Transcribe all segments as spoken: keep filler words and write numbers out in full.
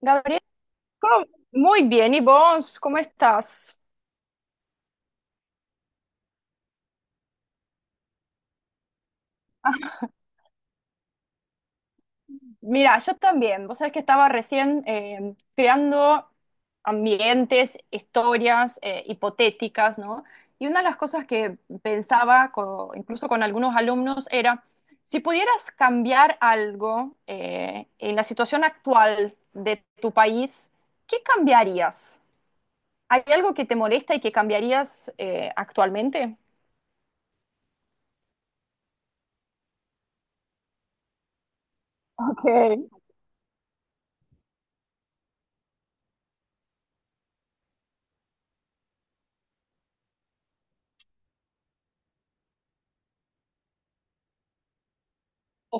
Gabriel, ¿cómo? Muy bien. ¿Y vos? ¿Cómo estás? Ah, mira, yo también. Vos sabés que estaba recién eh, creando ambientes, historias eh, hipotéticas, ¿no? Y una de las cosas que pensaba, co- incluso con algunos alumnos, era si pudieras cambiar algo eh, en la situación actual de tu país, ¿qué cambiarías? ¿Hay algo que te molesta y que cambiarías eh, actualmente? Ok. O,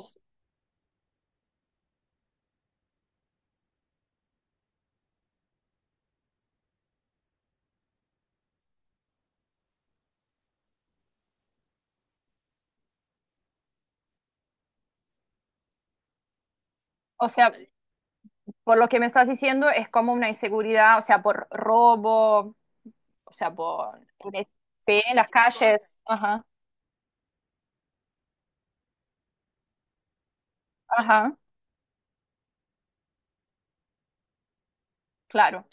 o sea, por lo que me estás diciendo, es como una inseguridad, o sea, por robo, o sea, por... Sí, en las calles. Ajá, ajá, claro.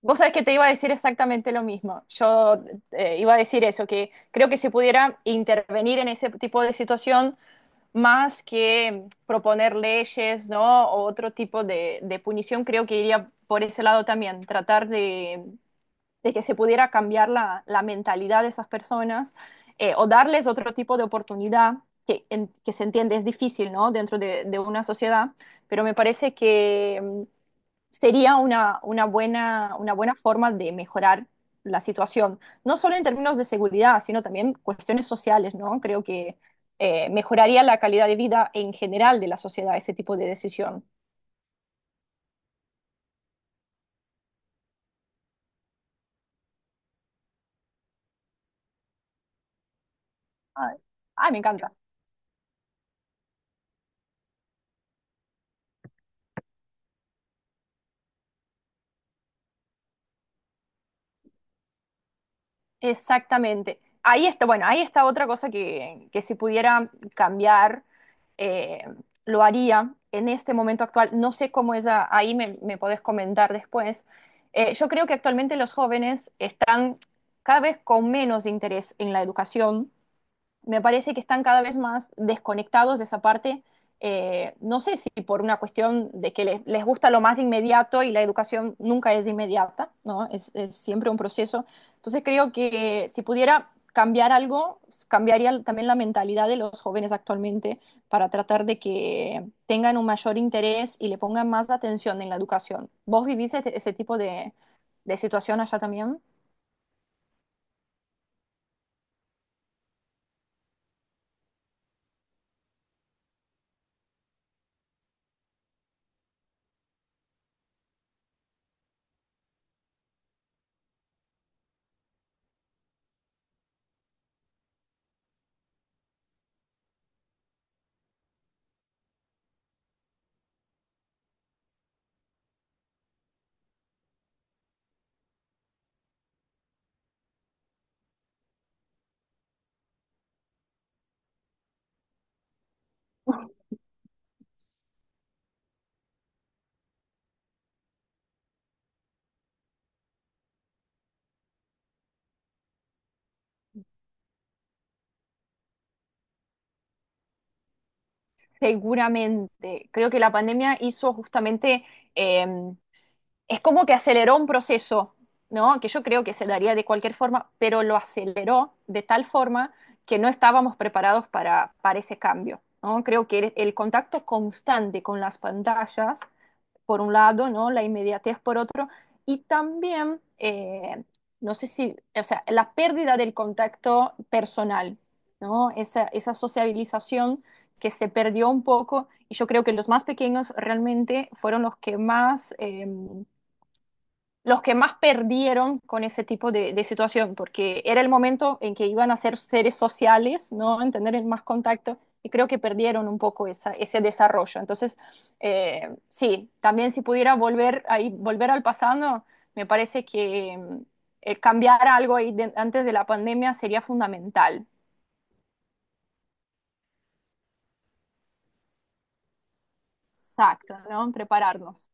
Vos sabés que te iba a decir exactamente lo mismo. Yo eh, iba a decir eso, que creo que se pudiera intervenir en ese tipo de situación más que proponer leyes, ¿no? O otro tipo de, de punición, creo que iría por ese lado también, tratar de, de que se pudiera cambiar la, la mentalidad de esas personas eh, o darles otro tipo de oportunidad que, en- que se entiende es difícil, ¿no? Dentro de, de una sociedad, pero me parece que mm, sería una, una buena, una buena forma de mejorar la situación, no solo en términos de seguridad, sino también cuestiones sociales, ¿no? Creo que eh, mejoraría la calidad de vida en general de la sociedad ese tipo de decisión. Ay, ay, me encanta. Exactamente. Ahí está, bueno, ahí está otra cosa que, que si pudiera cambiar, eh, lo haría en este momento actual. No sé cómo es, a- ahí me, me podés comentar después. Eh, yo creo que actualmente los jóvenes están cada vez con menos interés en la educación. Me parece que están cada vez más desconectados de esa parte. Eh, no sé si por una cuestión de que les, les gusta lo más inmediato y la educación nunca es inmediata, ¿no? Es, es siempre un proceso. Entonces creo que si pudiera cambiar algo, cambiaría también la mentalidad de los jóvenes actualmente para tratar de que tengan un mayor interés y le pongan más atención en la educación. ¿Vos vivís este- ese tipo de, de situación allá también? Seguramente. Creo que la pandemia hizo justamente, eh, es como que aceleró un proceso, ¿no? Que yo creo que se daría de cualquier forma, pero lo aceleró de tal forma que no estábamos preparados para, para ese cambio, ¿no? Creo que el, el contacto constante con las pantallas por un lado, ¿no? La inmediatez por otro, y también, eh, no sé si, o sea, la pérdida del contacto personal, ¿no? Esa, esa sociabilización que se perdió un poco, y yo creo que los más pequeños realmente fueron los que más... Eh, los que más perdieron con ese tipo de, de situación, porque era el momento en que iban a ser seres sociales, ¿no? En tener el más contacto, y creo que perdieron un poco esa, ese desarrollo. Entonces, eh, sí, también si pudiera volver, ahí, volver al pasado, me parece que mm, eh, cambiar algo ahí de- antes de la pandemia sería fundamental. Exacto, ¿no? Prepararnos.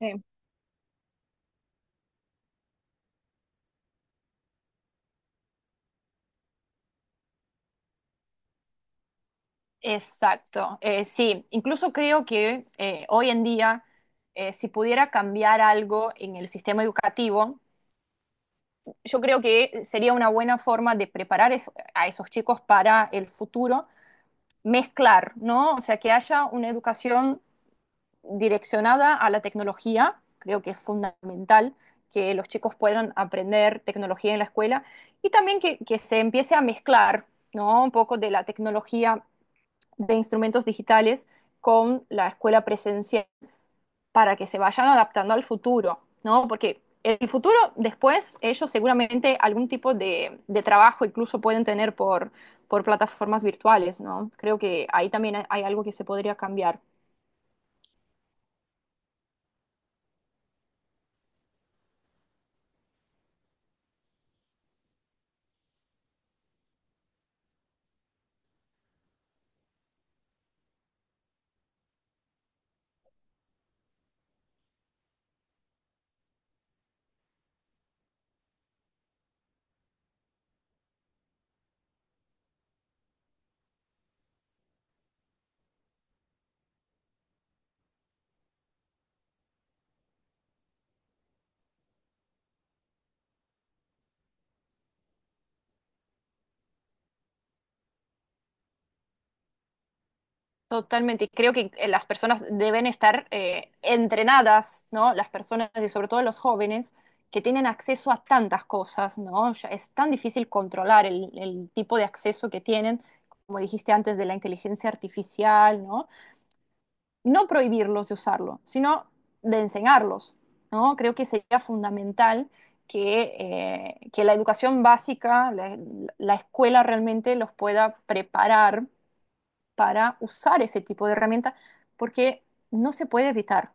Sí. Exacto, eh, sí, incluso creo que eh, hoy en día, eh, si pudiera cambiar algo en el sistema educativo, yo creo que sería una buena forma de preparar es- a esos chicos para el futuro, mezclar, ¿no? O sea, que haya una educación direccionada a la tecnología, creo que es fundamental que los chicos puedan aprender tecnología en la escuela y también que, que se empiece a mezclar, ¿no? Un poco de la tecnología de instrumentos digitales con la escuela presencial para que se vayan adaptando al futuro, ¿no? Porque en el futuro, después, ellos seguramente algún tipo de, de trabajo incluso pueden tener por, por plataformas virtuales, ¿no? Creo que ahí también hay algo que se podría cambiar. Totalmente, creo que eh, las personas deben estar eh, entrenadas, ¿no? Las personas y sobre todo los jóvenes que tienen acceso a tantas cosas, ¿no? Ya es tan difícil controlar el, el tipo de acceso que tienen, como dijiste antes, de la inteligencia artificial, ¿no? No prohibirlos de usarlo, sino de enseñarlos, ¿no? Creo que sería fundamental que, eh, que la educación básica, la la escuela realmente los pueda preparar para usar ese tipo de herramienta porque no se puede evitar.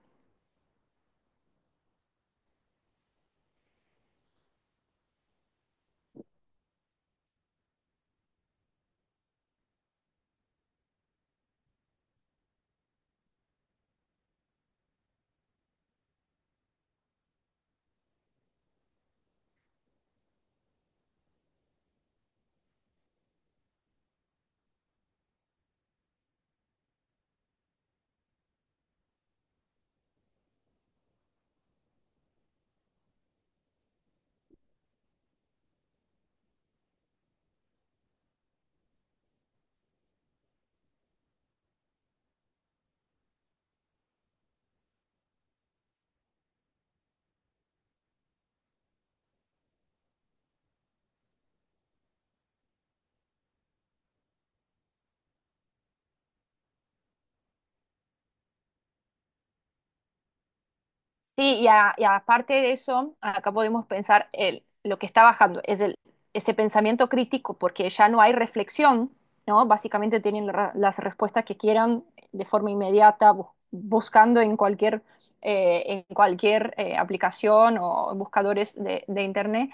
Sí, y, a- y aparte de eso, acá podemos pensar el, lo que está bajando, es el, ese pensamiento crítico, porque ya no hay reflexión, ¿no? Básicamente tienen la- las respuestas que quieran de forma inmediata, bu- buscando en cualquier, eh, en cualquier eh, aplicación o buscadores de, de Internet.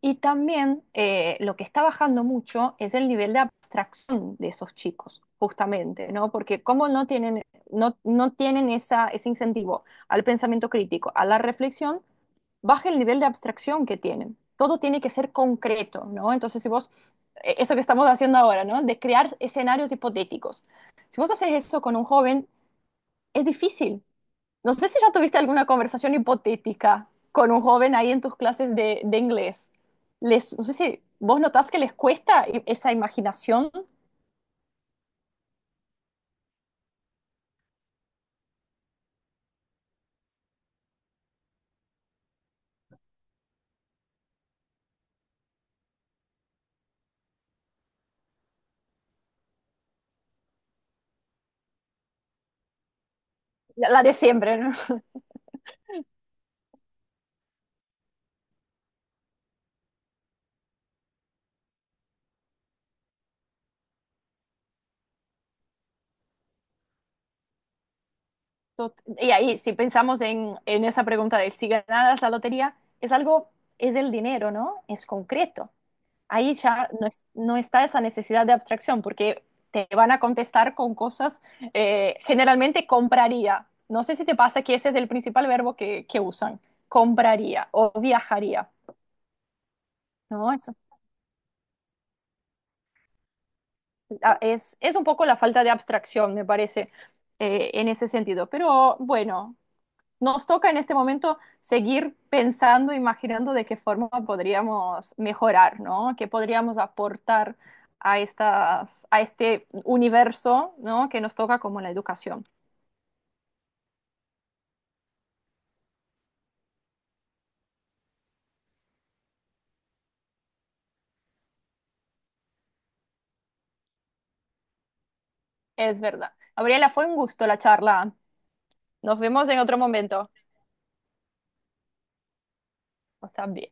Y también eh, lo que está bajando mucho es el nivel de abstracción de esos chicos, justamente, ¿no? Porque como no tienen, no, no tienen esa, ese incentivo al pensamiento crítico, a la reflexión, baja el nivel de abstracción que tienen. Todo tiene que ser concreto, ¿no? Entonces, si vos, eh, eso que estamos haciendo ahora, ¿no? De crear escenarios hipotéticos. Si vos haces eso con un joven, es difícil, no sé si ya tuviste alguna conversación hipotética con un joven ahí en tus clases de, de inglés. Les, no sé si vos notás que les cuesta i- esa imaginación, la la de siempre, ¿no? Tot- Y ahí, si pensamos en, en esa pregunta de si ganaras la lotería, es algo, es el dinero, ¿no? Es concreto. Ahí ya no, es- no está esa necesidad de abstracción, porque te van a contestar con cosas, eh, generalmente compraría. No sé si te pasa que ese es el principal verbo que, que usan, compraría o viajaría, ¿no? Es, ah, es, es un poco la falta de abstracción, me parece, eh, en ese sentido. Pero bueno, nos toca en este momento seguir pensando, imaginando de qué forma podríamos mejorar, ¿no? ¿Qué podríamos aportar a estas, a este universo, ¿no? Que nos toca como la educación. Es verdad. Gabriela, fue un gusto la charla. Nos vemos en otro momento. Está bien.